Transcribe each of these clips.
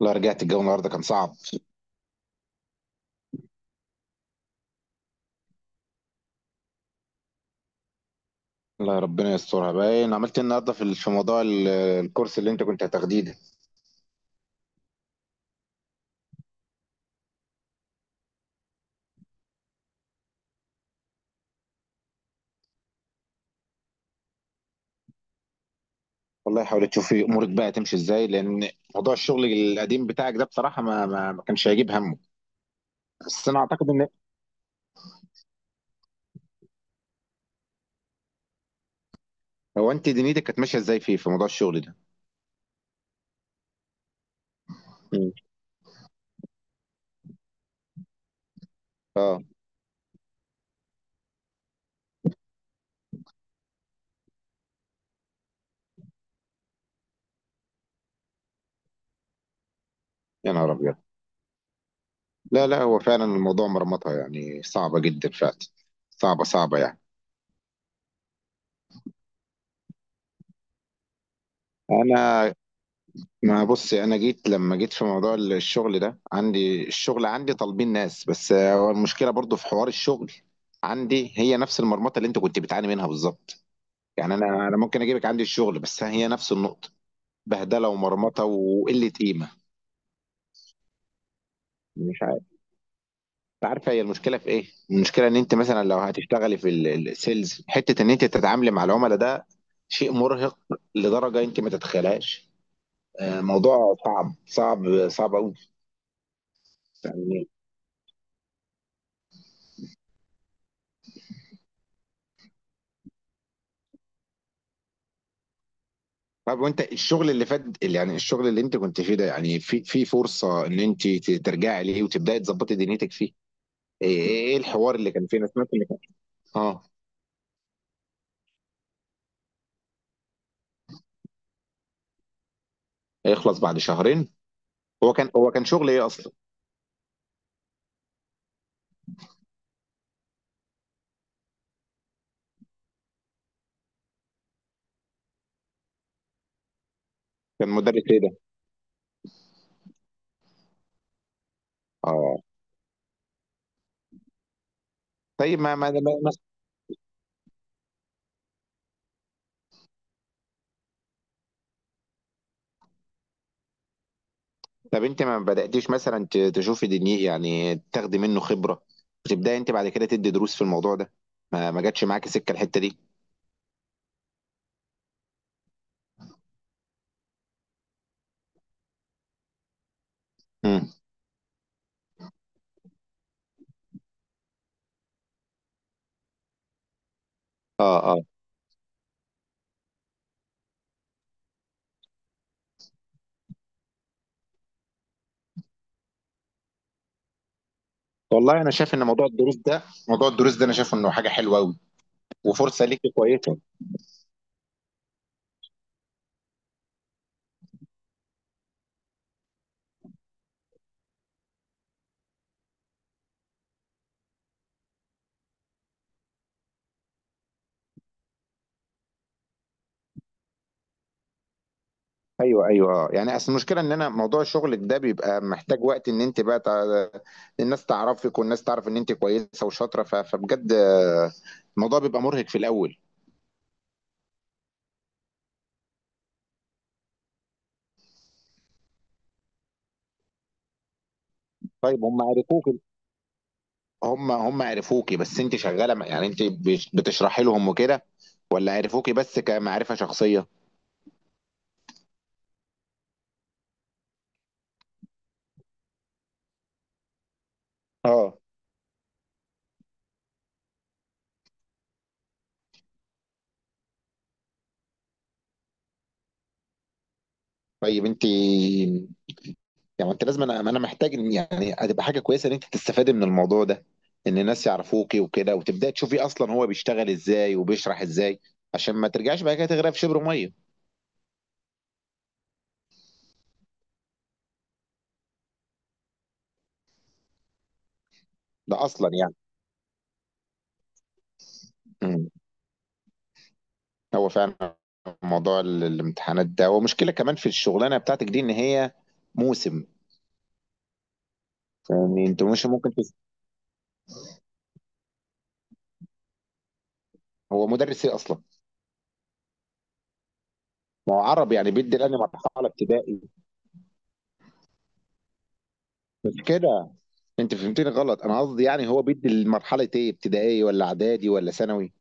لا، رجعت. الجو النهارده كان صعب. لا، ربنا يسترها. باين عملت ايه النهارده في موضوع ال- الكورس اللي انت كنت هتاخديه ده. والله حاول تشوف إيه امورك بقى تمشي ازاي، لان موضوع الشغل القديم بتاعك ده بصراحه ما كانش هيجيب همه. بس انا اعتقد ان هو انت دنيتك كانت ماشيه ازاي فيه في موضوع الشغل ده. مم. اه. يا نهار ابيض. لا هو فعلا الموضوع مرمطه، يعني صعبه جدا فعلا. صعبه يعني. انا ما بص، انا جيت لما جيت في موضوع الشغل ده، عندي الشغل، عندي طالبين ناس، بس هو المشكله برضو في حوار الشغل عندي هي نفس المرمطه اللي انت كنت بتعاني منها بالظبط. يعني انا ممكن اجيبك عندي الشغل، بس هي نفس النقطه، بهدله ومرمطه وقله قيمه. مش عارف. أنت عارفه هي المشكله في ايه؟ المشكله ان انت مثلا لو هتشتغلي في ال- السيلز، حته ان انت تتعاملي مع العملاء ده شيء مرهق لدرجه انت ما تتخيلهاش. آه، موضوع صعب قوي. طب وانت الشغل اللي فات، اللي يعني الشغل اللي انت كنت فيه ده، يعني في في فرصة ان انت ترجعي ليه وتبداي تظبطي دنيتك فيه؟ ايه ايه ايه الحوار اللي كان فيه؟ انا سمعت اللي كان. اه. هيخلص بعد شهرين؟ هو كان شغل ايه اصلا؟ كان مدرس ايه ده؟ اه. طيب طب انت ما بداتيش مثلا تشوفي دنيا، يعني تاخدي منه خبرة وتبداي انت بعد كده تدي دروس في الموضوع ده؟ ما جاتش معاكي سكة الحتة دي؟ امم. اه اه. والله انا شايف ان موضوع الدروس ده، انا شايف انه حاجة حلوة قوي وفرصة ليكي كويسة. ايوه ايوه اه. يعني اصل المشكله ان انا موضوع شغلك ده بيبقى محتاج وقت ان انت بقى تع... الناس تعرفك، والناس تعرف ان انت كويسه وشاطره، فبجد آه، الموضوع بيبقى مرهق في الاول. طيب هم عرفوكي؟ هم عرفوكي بس انت شغاله يعني انت بتشرحي لهم وكده، ولا عرفوكي بس كمعرفه شخصيه؟ اه. طيب انت يعني انت لازم، انا محتاج، ان يعني هتبقى حاجه كويسه ان انت تستفادي من الموضوع ده، ان الناس يعرفوكي وكده، وتبداي تشوفي اصلا هو بيشتغل ازاي وبيشرح ازاي، عشان ما ترجعش بعد كده تغرق في شبر ميه. ده اصلا يعني مم. هو فعلا موضوع ال- الامتحانات ده، ومشكله كمان في الشغلانه بتاعتك دي ان هي موسم. يعني انت مش ممكن تس... هو مدرس ايه اصلا؟ ما هو عربي، يعني بيدي الاني مرحله ابتدائي؟ مش كده، انت فهمتني غلط. انا قصدي يعني هو بيدي المرحله ايه، ابتدائي ولا اعدادي ولا ثانوي؟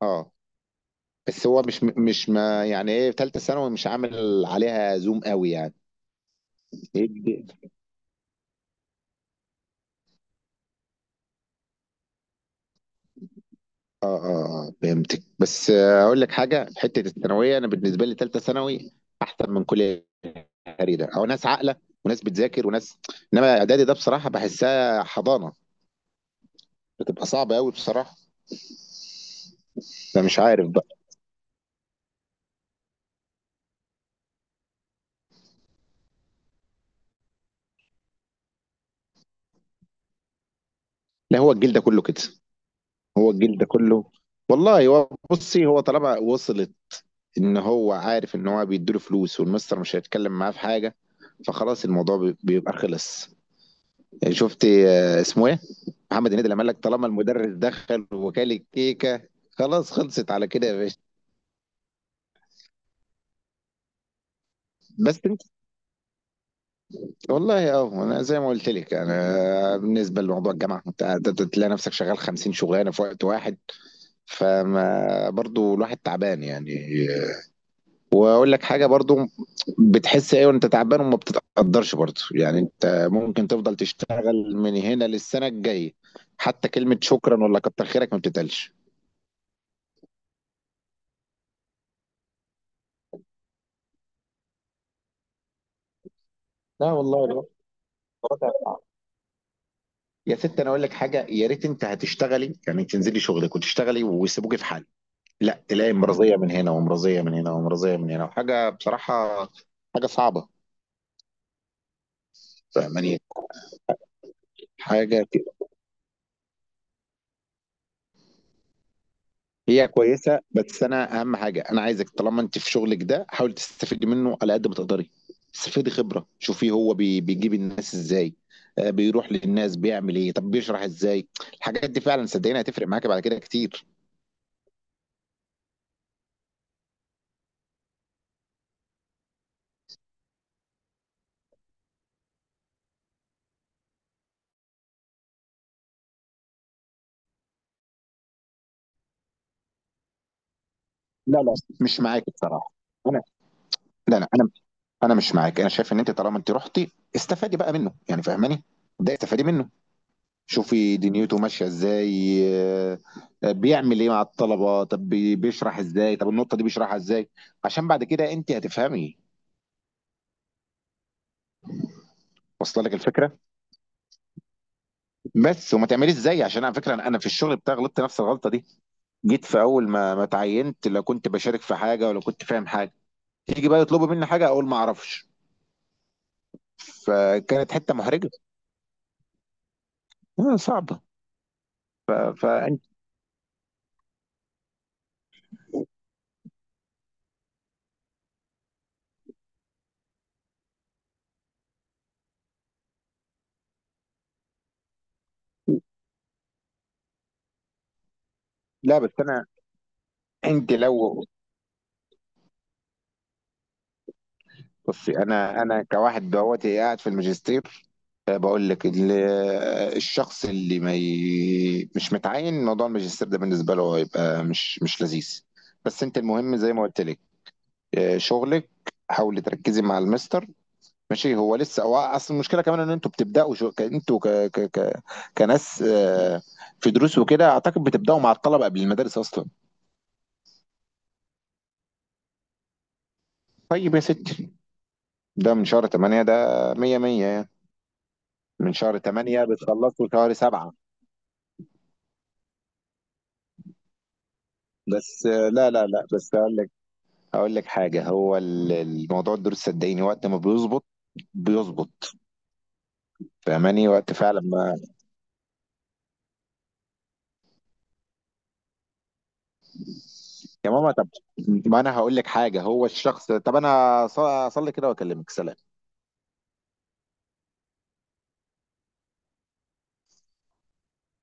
اه. بس هو مش مش ما يعني ايه في ثالثه ثانوي مش عامل عليها زوم قوي يعني؟ يدي- اه اه اه فهمتك. بس آه، اقول لك حاجه، في حته الثانويه، انا بالنسبه لي ثالثه ثانوي احسن من كل تقريبا، او ناس عاقله وناس بتذاكر وناس. انما اعدادي ده بصراحه بحسها حضانه، بتبقى صعبه قوي بصراحه. انا مش عارف بقى. لا، هو الجيل ده كله كده. هو الجيل ده كله. والله هو بصي، هو طالما وصلت ان هو عارف ان هو بيديله فلوس والمستر مش هيتكلم معاه في حاجه، فخلاص الموضوع بيبقى خلص. يعني شفت آه، اسمه ايه، محمد هنيدي لما قال لك طالما المدرس دخل وكال الكيكه خلاص خلصت على كده يا باشا. بس انت والله اه، انا زي ما قلت لك، انا بالنسبه لموضوع الجامعه، انت تلاقي نفسك شغال 50 شغلانه في وقت واحد. فما برضو الواحد تعبان يعني. واقول لك حاجه برضو، بتحس ايه وانت تعبان وما بتتقدرش برضو، يعني انت ممكن تفضل تشتغل من هنا للسنه الجايه حتى كلمه شكرا ولا كتر خيرك ما بتتقالش. لا، والله الوضع، الوضع صعب. يا ست، انا اقول لك حاجه، يا ريت انت هتشتغلي يعني تنزلي شغلك وتشتغلي ويسيبوكي في حالك. لا، تلاقي مرضيه من هنا ومرضيه من هنا ومرضيه من هنا، وحاجه بصراحه حاجه صعبه. فاهماني حاجه؟ هي كويسه، بس انا اهم حاجه انا عايزك طالما انت في شغلك ده حاول تستفيدي منه على قد ما تقدري. استفيدي خبره، شوفي هو بيجيب الناس ازاي، آه، بيروح للناس بيعمل ايه، طب بيشرح ازاي. الحاجات دي فعلا صدقيني هتفرق معاكي بعد كده كتير. لا مش معاك بصراحه. انا لا انا، انا مش معاك. انا شايف ان انت طالما انت رحتي، استفادي بقى منه يعني، فاهماني؟ ده استفادي منه، شوفي دنيته ماشيه ازاي، آه، آه، بيعمل ايه مع الطلبه، طب بيشرح ازاي، طب النقطه دي بيشرحها ازاي، عشان بعد كده انت هتفهمي. واصله لك الفكره؟ بس وما تعمليش زيي، عشان على فكره انا، في الشغل بتاعي غلطت نفس الغلطه دي. جيت في اول ما اتعينت، لا كنت بشارك في حاجه ولا كنت فاهم حاجه. تيجي بقى يطلبوا مني حاجه اقول ما اعرفش، فكانت حته محرجه، آه، صعبه. ف- فانت، لا بس انا، انت لو، بصي انا، كواحد دلوقتي قاعد في الماجستير، آه، بقول لك ال- آه، الشخص اللي ما ي... مش متعين، موضوع الماجستير ده بالنسبه له هيبقى مش لذيذ. بس انت المهم زي ما قلت لك، آه، شغلك حاولي تركزي مع المستر، ماشي. هو لسه، هو اصل المشكله كمان ان انتوا بتبداوا شو... ك- انتوا ك... ك... ك... كناس آه، في دروس وكده، اعتقد بتبداوا مع الطلبه قبل المدارس اصلا. طيب يا ستي ده من شهر 8 ده، 100 100 يعني. من شهر 8 بتخلصوا شهر 7. بس آه، لا بس هقول لك، هقول لك حاجه، هو ال- الموضوع الدروس صدقيني وقت ما بيظبط بيظبط. فاهماني؟ وقت فعلا ما، يا ماما طب ما انا هقول لك حاجه، هو الشخص طب انا اصلي كده واكلمك سلام.